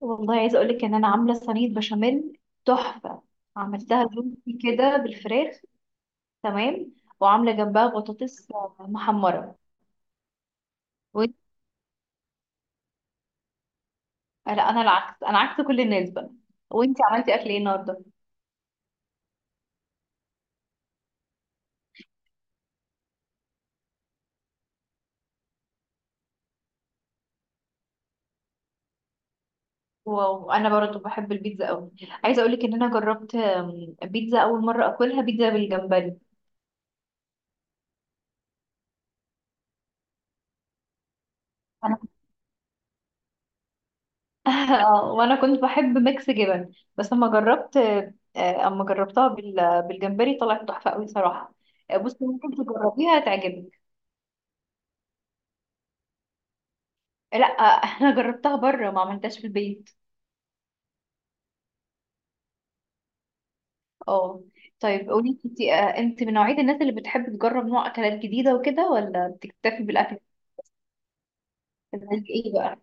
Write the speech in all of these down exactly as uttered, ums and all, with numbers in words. والله عايزه اقول لك ان انا عامله صينيه بشاميل تحفه. عملتها جوزي كده بالفراخ. تمام. وعامله جنبها بطاطس محمره. وانت؟ لا انا العكس، انا عكس كل الناس بقى. وانت عملتي اكل ايه النهارده؟ واو انا برضه بحب البيتزا قوي. عايزه اقول لك ان انا جربت آم، بيتزا اول مره اكلها بيتزا بالجمبري. انا آه، وانا كنت بحب ميكس جبن بس اما جربت آه، اما جربتها بال- بالجمبري طلعت تحفه قوي صراحه. آه، بصي ممكن تجربيها تعجبك. لا انا جربتها بره ما عملتهاش في البيت. اه. طيب قولي انت، آه، انت من نوعية الناس اللي بتحب تجرب نوع اكلات جديدة وكده، ولا بتكتفي بالاكل؟ زي ايه بقى؟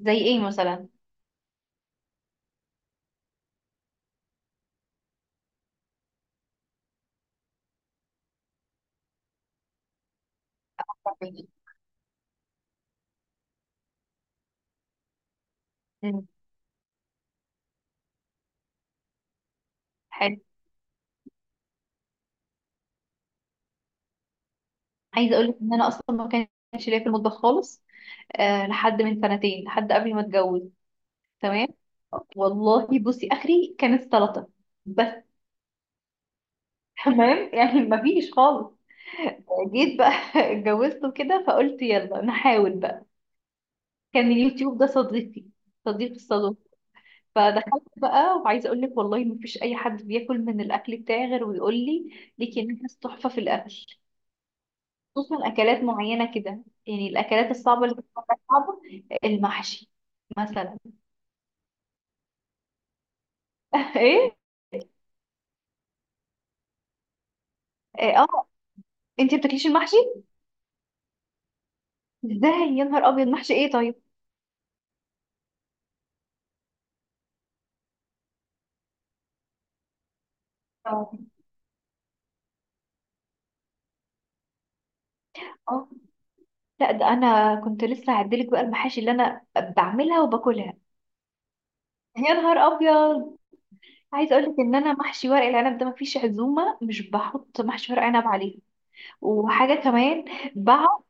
زي ايه مثلا؟ مم. حلو. عايزة اقولك ان انا اصلا ما كانش ليا في المطبخ خالص. أه، لحد من سنتين، لحد قبل ما اتجوز. تمام. والله بصي اخري كانت سلطة بس. تمام يعني ما فيش خالص. جيت بقى اتجوزت وكده فقلت يلا نحاول بقى. كان اليوتيوب ده صديقي، صديق الصالون. فدخلت بقى وعايزه اقول لك والله ما فيش اي حد بياكل من الاكل بتاعي غير ويقول لي ليكي ناس تحفه في الاكل. خصوصا اكلات معينه كده، يعني الاكلات الصعبه اللي بتبقى صعبه. المحشي مثلا. ايه؟ إيه، اه، انتي بتاكليش المحشي؟ ازاي؟ يا نهار ابيض، محشي ايه طيب؟ اه. آه. لا ده انا كنت لسه هعدلك بقى المحاشي اللي انا بعملها وباكلها. يا نهار ابيض. عايزه اقول لك ان انا محشي ورق العنب ده مفيش عزومه مش بحط محشي ورق عنب عليه. وحاجه كمان بقى.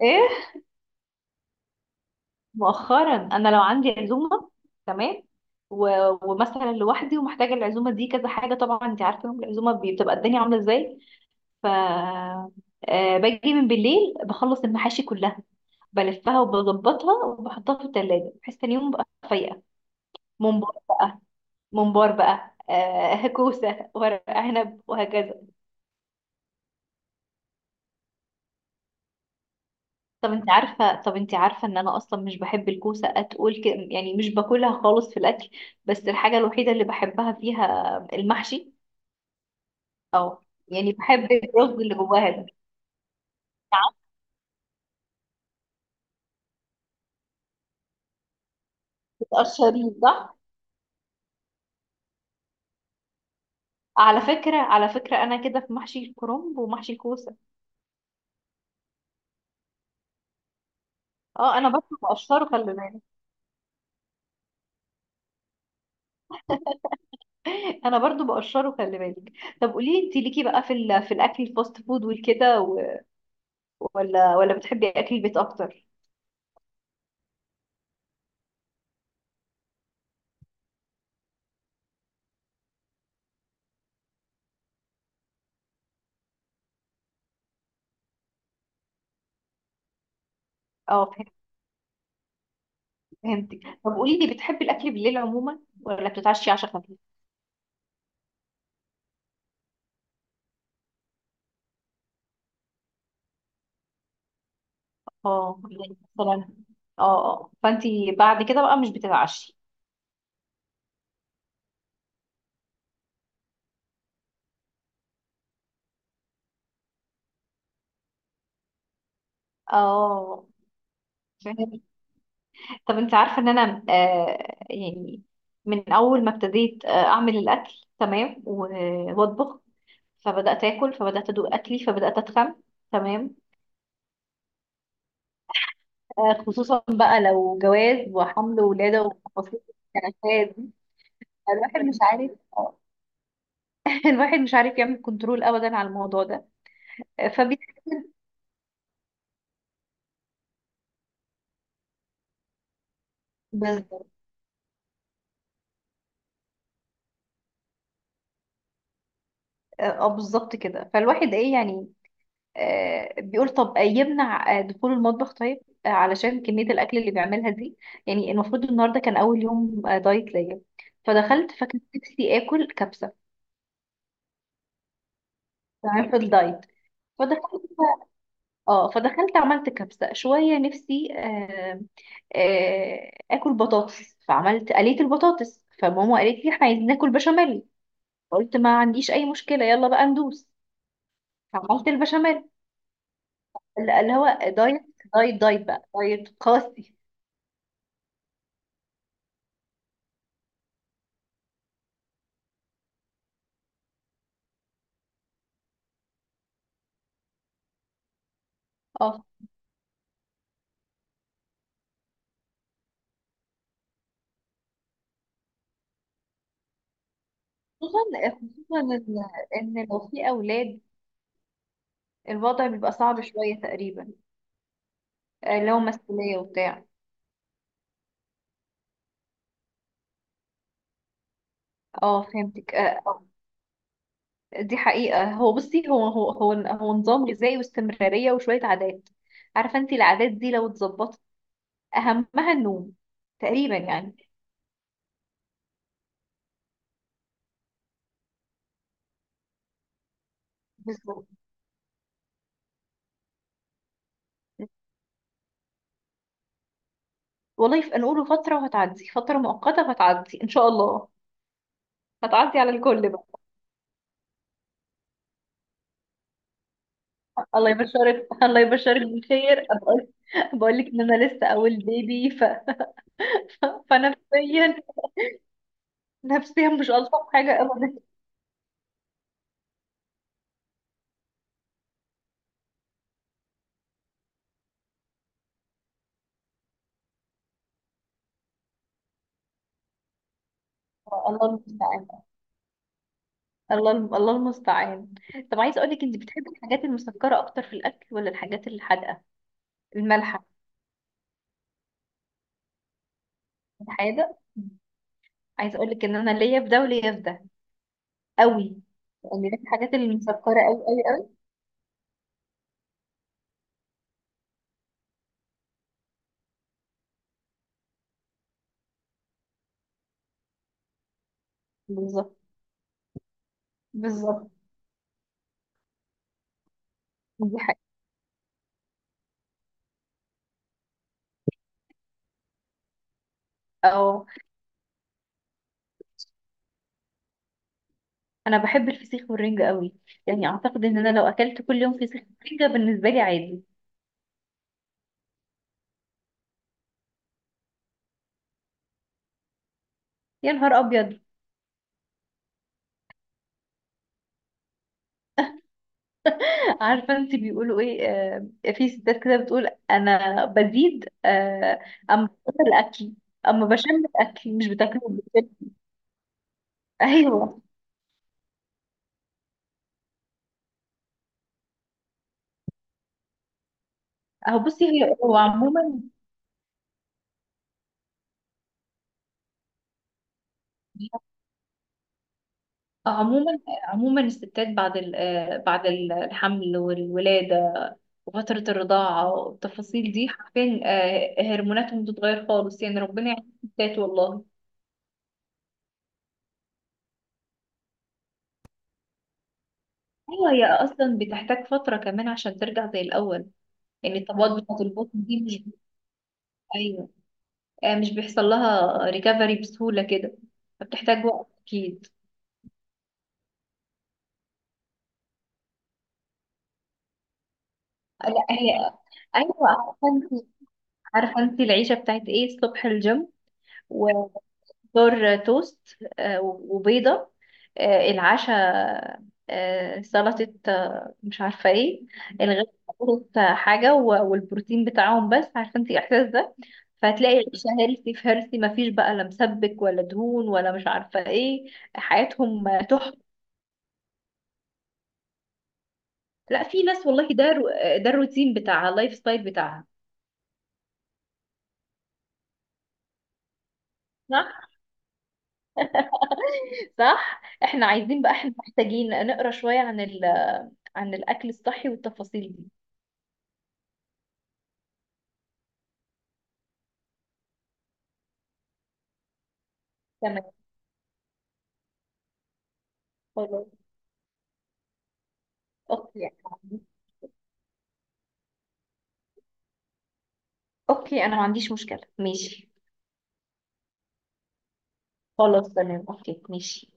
ايه؟ مؤخرا. انا لو عندي عزومه، تمام، و... ومثلا لوحدي ومحتاجه العزومه دي كذا حاجه، طبعا انت عارفه يوم العزومه بتبقى الدنيا عامله ازاي. ف آه، باجي من بالليل بخلص المحاشي كلها، بلفها وبظبطها وبحطها في التلاجة بحيث تاني يوم بقى فايقة. ممبار. ممبار بقى، آه، كوسة، ورق عنب، وهكذا. طب انت عارفة، طب انت عارفة ان انا اصلا مش بحب الكوسة، اتقول ك... يعني مش باكلها خالص في الاكل، بس الحاجة الوحيدة اللي بحبها فيها المحشي. او يعني بحب الرز اللي جواها ده. نعم. بتقشريه صح؟ على فكرة، على فكرة انا كده في محشي الكرنب ومحشي الكوسة، اه انا برضه بقشره خلي بالك. انا برضه بقشره خلي بالك. طب قولي انت ليكي بقى في ال... في الاكل الفاست فود والكده و... ولا ولا بتحبي اكل البيت اكتر؟ اه فهمتك. طب قولي لي بتحبي الاكل بالليل عموما ولا بتتعشي عشاء خفيف؟ اه يعني مثلا. اه. اه فانتي بعد كده بقى مش بتتعشي. اه فهمت. طب انت عارفه ان انا آه يعني من اول ما ابتديت آه اعمل الاكل، تمام، و- واطبخ، فبدات اكل، فبدات ادوق اكلي، فبدات اتخن. تمام. آه خصوصا بقى لو جواز وحمل وولاده وتفاصيل الكنكات دي. الواحد مش عارف، الواحد مش عارف يعمل كنترول ابدا على الموضوع ده. فبي بالظبط. اه، آه، بالظبط كده فالواحد ايه يعني. آه بيقول طب، آه، يمنع آه، دخول المطبخ طيب، آه علشان كمية الأكل اللي بيعملها دي. يعني المفروض النهاردة كان أول يوم آه دايت ليا. فدخلت فكان نفسي آكل كبسة. تمام في الدايت. فدخلت. اه فدخلت عملت كبسة شوية، نفسي آه آه، آكل بطاطس، فعملت قليت البطاطس، فماما قالت لي احنا عايزين ناكل بشاميل. فقلت ما عنديش أي مشكلة، يلا بقى ندوس. فعملت البشاميل. لا، اللي هو دايت. دايت دايت بقى، دايت قاسي. اه. خصوصا، خصوصا ان، إن لو في اولاد الوضع بيبقى صعب شويه تقريبا. آه، لو مسؤوليه وبتاع. اه فهمتك. آه، آه، دي حقيقه. هو بصي هو هو هو هو نظام غذائي واستمراريه وشويه عادات. عارفه انت العادات دي لو اتظبطت اهمها النوم تقريبا يعني. بالظبط. والله ف- نقوله فتره وهتعدي، فتره مؤقته وهتعدي ان شاء الله. هتعدي على الكل بقى. الله يبشرك، الله يبشرك بالخير. بقول بقول لك ان انا لسه اول بيبي ف... ف... فنفسيا، نفسيا مش الطف حاجه ابدا. الله المستعان. الله الم... الله المستعان. طب عايز اقول لك انت بتحبي الحاجات المسكره اكتر في الاكل، ولا الحاجات الحادقه، المالحه، الحادق؟ عايز اقول لك ان انا ليا في ده وليا في ده قوي. يعني ليا في الحاجات المسكره قوي قوي قوي. بالظبط. بالظبط. دي حاجه. انا بحب الفسيخ والرنجة قوي، يعني اعتقد ان انا لو اكلت كل يوم فسيخ ورنجة بالنسبة لي عادي. يا نهار ابيض. عارفة انت بيقولوا ايه، آه، في ستات كده بتقول انا بزيد آه، اما بكتر الاكل، اما بشم الاكل مش بتاكله بتشم. ايوه. اهو بصي هي هو عموما. عموما عموما الستات بعد ال- آه، بعد الحمل والولاده وفتره الرضاعه والتفاصيل دي حرفيا، آه، هرموناتهم بتتغير خالص. يعني ربنا يعين الستات والله. ايوه هي اصلا بتحتاج فتره كمان عشان ترجع زي الاول. يعني الطبقات بتاعه البطن دي مش، ايوه آه، مش بيحصل لها ريكفري بسهوله كده، فبتحتاج وقت اكيد. لا هي. ايوه. عارفه انت، عارفه انت العيشه بتاعت ايه؟ الصبح الجيم و- فطار توست آه، وبيضة، آه، العشاء آه، سلطة آه، مش عارفة ايه. الغدا سلطة حاجة و- والبروتين بتاعهم. بس عارفة انت الإحساس ده، فهتلاقي العشاء هيلثي في هيلثي، مفيش بقى لا مسبك ولا دهون ولا مش عارفة ايه. حياتهم آه، تحفة. لا في ناس والله ده رو- آه، ده الروتين بتاعها، اللايف ستايل بتاعها. صح. صح احنا عايزين بقى، احنا محتاجين نقرا شوية عن ال... عن الأكل الصحي والتفاصيل دي. تمام خلاص. اوكي. اوكي انا ما عنديش مشكلة، ماشي. خلاص تمام اوكي ماشي.